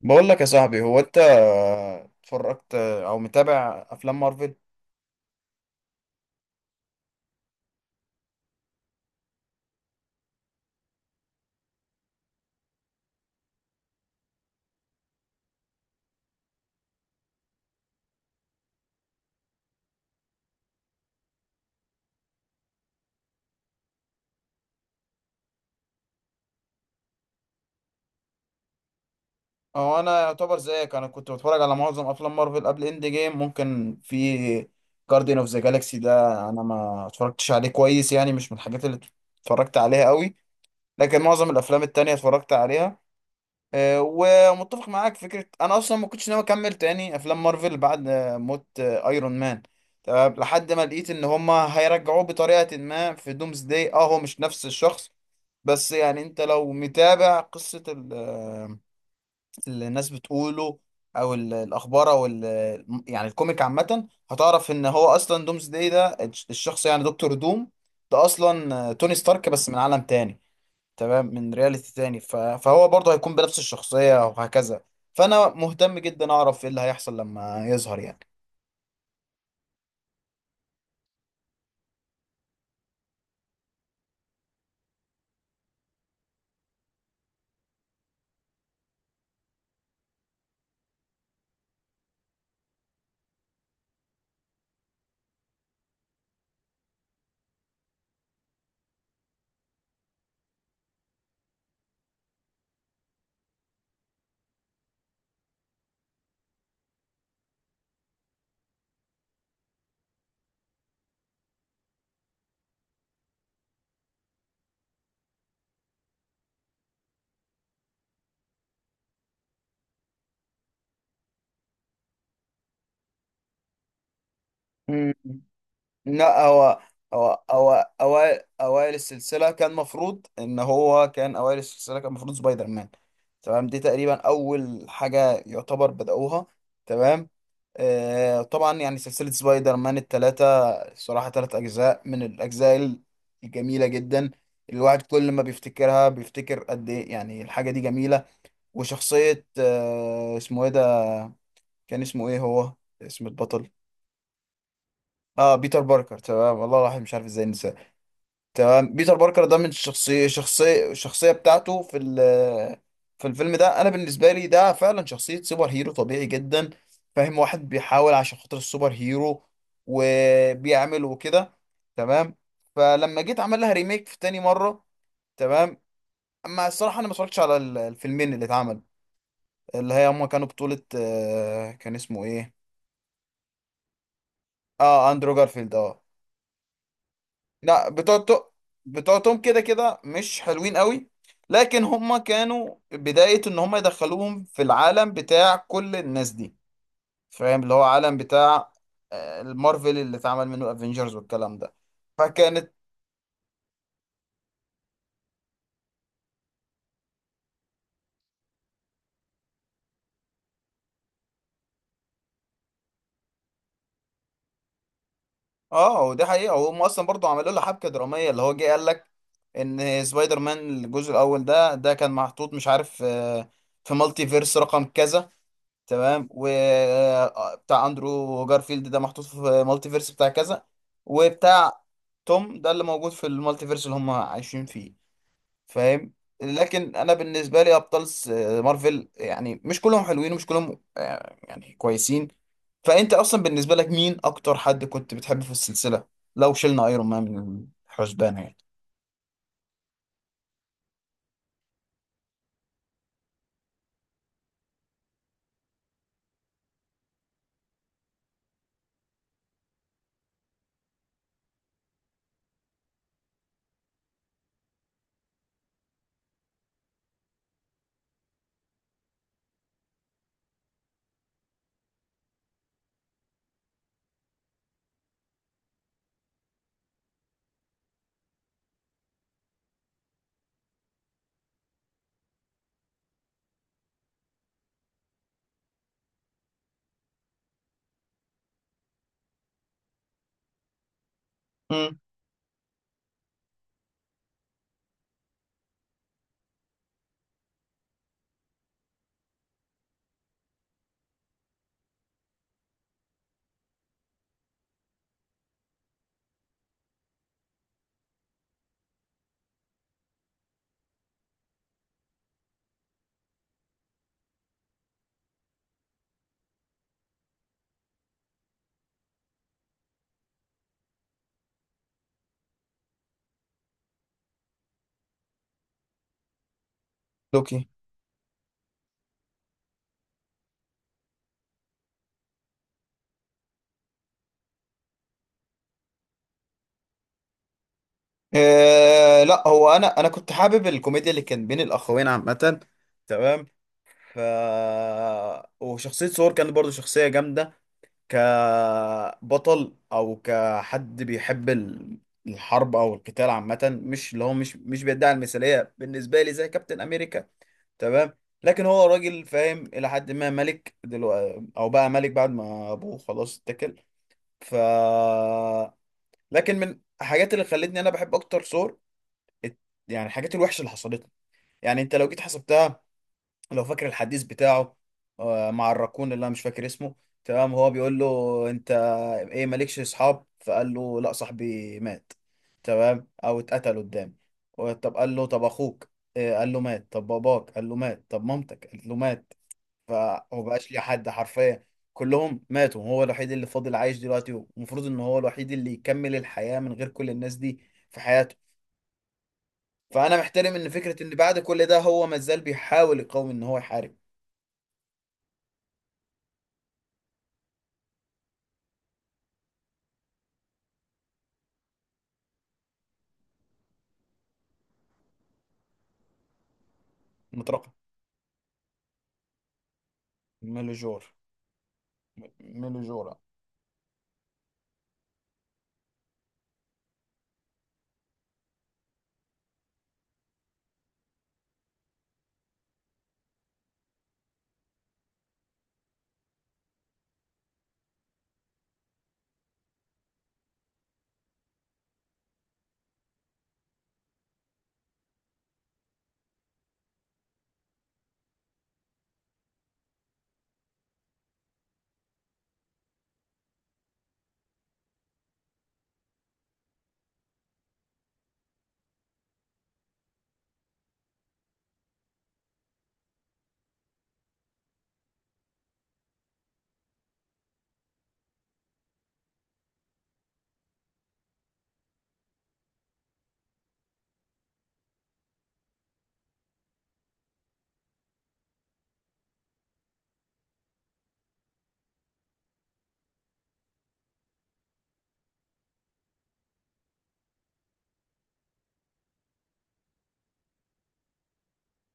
بقول لك يا صاحبي، هو انت اتفرجت او متابع افلام مارفل؟ اه، انا يعتبر زيك انا كنت بتفرج على معظم افلام مارفل قبل اند جيم. ممكن في جاردين اوف ذا جالاكسي ده انا ما اتفرجتش عليه كويس، يعني مش من الحاجات اللي اتفرجت عليها قوي. لكن معظم الافلام التانية اتفرجت عليها. آه، ومتفق معاك في فكرة أنا أصلا ما كنتش ناوي أكمل تاني أفلام مارفل بعد موت أيرون مان. تمام، لحد ما لقيت إن هما هيرجعوه بطريقة ما في دومز داي. هو مش نفس الشخص، بس يعني أنت لو متابع قصة اللي الناس بتقوله أو الأخبار أو يعني الكوميك عامة، هتعرف إن هو أصلا دومز داي ده الشخص يعني دكتور دوم. ده أصلا توني ستارك بس من عالم تاني. تمام، من رياليتي تاني فهو برضه هيكون بنفس الشخصية وهكذا. فأنا مهتم جدا أعرف إيه اللي هيحصل لما يظهر يعني. مم. لا، هو هو أوائل أوائل السلسلة كان مفروض إن هو كان أوائل السلسلة كان مفروض سبايدر مان. تمام، دي تقريبا أول حاجة يعتبر بدأوها. تمام. آه طبعا، يعني سلسلة سبايدر مان التلاتة صراحة، تلات أجزاء من الأجزاء الجميلة جدا. الواحد كل ما بيفتكرها بيفتكر قد إيه يعني الحاجة دي جميلة. وشخصية آه، اسمه إيه ده؟ كان اسمه إيه هو؟ اسم البطل؟ آه، بيتر باركر. تمام، والله الواحد مش عارف إزاي نسى. تمام، بيتر باركر ده من الشخصية بتاعته في ال، في الفيلم ده، أنا بالنسبة لي ده فعلا شخصية سوبر هيرو طبيعي جدا. فاهم؟ واحد بيحاول عشان خاطر السوبر هيرو وبيعمل وكده. تمام. فلما جيت عمل لها ريميك في تاني مرة، تمام، أما الصراحة أنا ما اتفرجتش على الفيلمين اللي اتعمل، اللي هي هما كانوا بطولة آه، كان اسمه إيه؟ آه، أندرو جارفيلد، آه. لا، بتوع توم كده كده مش حلوين قوي، لكن هما كانوا بداية ان هما يدخلوهم في العالم بتاع كل الناس دي. فاهم؟ اللي هو عالم بتاع المارفل اللي اتعمل منه الافينجرز والكلام ده. فكانت، اه، ودي حقيقة هم اصلا برضو عملوا له حبكة درامية اللي هو جه قال لك ان سبايدر مان الجزء الاول ده كان محطوط، مش عارف في مالتي فيرس رقم كذا. تمام، وبتاع اندرو جارفيلد ده محطوط في مالتيفيرس بتاع كذا، وبتاع توم ده اللي موجود في المالتيفيرس اللي هم عايشين فيه. فاهم؟ لكن انا بالنسبه لي ابطال مارفل يعني مش كلهم حلوين ومش كلهم يعني كويسين. فانت اصلا بالنسبه لك مين اكتر حد كنت بتحبه في السلسله لو شلنا ايرون مان من الحسبان يعني؟ امم، لوكي. آه، لا، هو انا كنت حابب الكوميديا اللي كان بين الاخوين عامه. تمام. ف، وشخصية ثور كانت برضو شخصية جامدة، كبطل أو كحد بيحب الحرب أو القتال عامة، مش اللي هو مش بيدعي المثالية بالنسبة لي زي كابتن أمريكا. تمام. لكن هو راجل فاهم، إلى حد ما ملك دلوقتي أو بقى ملك بعد ما أبوه خلاص اتكل. ف، لكن من الحاجات اللي خلتني أنا بحب أكتر ثور الت- يعني الحاجات الوحشة اللي حصلت له. يعني أنت لو جيت حسبتها، لو فاكر الحديث بتاعه مع الراكون اللي انا مش فاكر اسمه. تمام، هو بيقول له: انت ايه مالكش اصحاب؟ فقال له: لا، صاحبي مات، تمام، او اتقتل قدامي. طب قال له: طب اخوك؟ قال له: مات. طب باباك؟ قال له: مات. طب مامتك؟ قالت له: مات. فمبقاش ليه حد حرفيا، كلهم ماتوا. هو الوحيد اللي فاضل عايش دلوقتي، ومفروض ان هو الوحيد اللي يكمل الحياة من غير كل الناس دي في حياته. فانا محترم ان فكرة ان بعد كل ده هو مازال بيحاول يقاوم ان هو يحارب. مترقب، ميليجور، ميليجورا.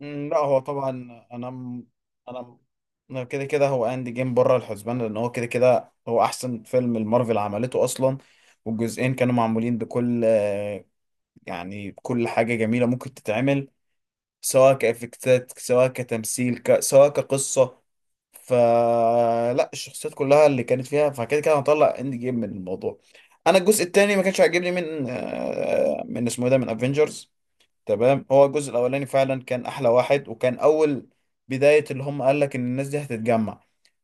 مم، لا هو طبعا، انا م- انا م- انا كده كده هو اند جيم بره الحسبان، لان هو كده كده هو احسن فيلم المارفل عملته اصلا. والجزئين كانوا معمولين بكل يعني بكل حاجة جميلة ممكن تتعمل، سواء كإفكتات، سواء كتمثيل، سواء كقصة، فلا الشخصيات كلها اللي كانت فيها. فكده كده هنطلع اند جيم من الموضوع. انا الجزء التاني ما كانش عاجبني من من اسمه إيه ده، من افنجرز. تمام، هو الجزء الاولاني فعلا كان احلى واحد، وكان اول بداية اللي هم قال لك ان الناس دي هتتجمع.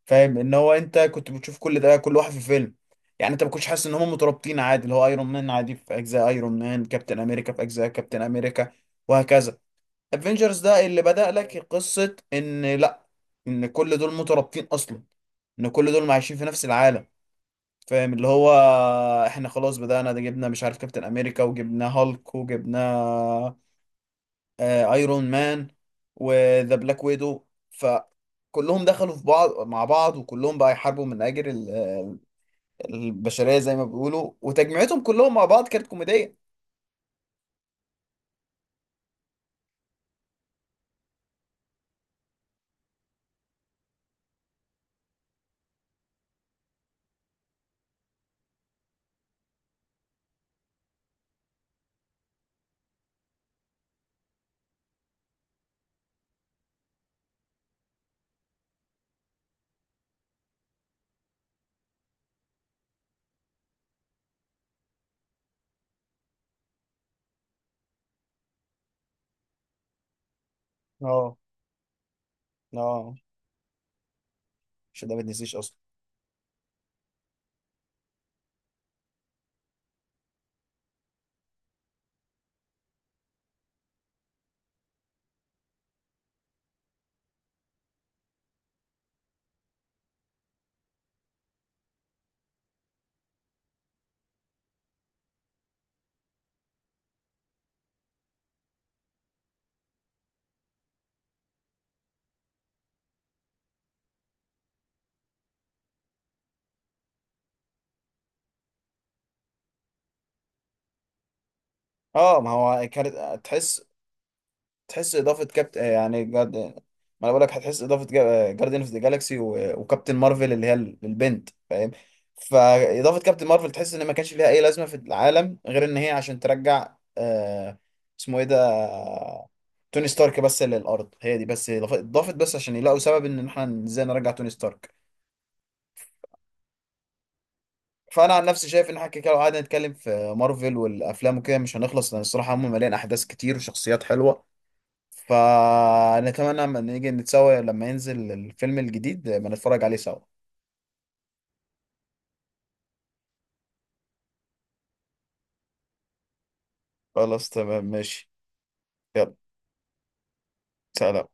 فاهم؟ ان هو انت كنت بتشوف كل ده كل واحد في فيلم. يعني انت ما كنتش حاسس ان هم مترابطين، عادي اللي هو ايرون مان عادي في اجزاء ايرون مان، كابتن امريكا في اجزاء كابتن امريكا، وهكذا. افنجرز ده اللي بدأ لك قصة ان لا، ان كل دول مترابطين اصلا، ان كل دول عايشين في نفس العالم. فاهم؟ اللي هو احنا خلاص بدأنا ده، جبنا مش عارف كابتن امريكا، وجبنا هالك، وجبنا ايرون مان، وذا بلاك ويدو. فكلهم دخلوا في بعض مع بعض، وكلهم بقى يحاربوا من اجل البشريه زي ما بيقولوا. وتجمعتهم كلهم مع بعض كانت كوميديه. اه. اه، عشان ده ما تنسيش اصلا. اه، ما هو كانت تحس. تحس اضافه كابتن، يعني جارد ما، انا بقول لك هتحس اضافه جارديان اوف ذا جالاكسي وكابتن مارفل اللي هي البنت. فاهم؟ فاضافه كابتن مارفل تحس ان ما كانش ليها اي لازمه في العالم غير ان هي عشان ترجع آه، اسمه ايه ده، توني ستارك بس للارض. هي دي بس اضافت بس عشان يلاقوا سبب ان احنا ازاي نرجع توني ستارك. فانا عن نفسي شايف ان احنا كده لو قعدنا نتكلم في مارفل والافلام وكده مش هنخلص، لان الصراحه هم مليان احداث كتير وشخصيات حلوه. فنتمنى لما نيجي نتسوى لما ينزل الفيلم الجديد ما نتفرج عليه سوا. خلاص، تمام، ماشي، يلا، سلام.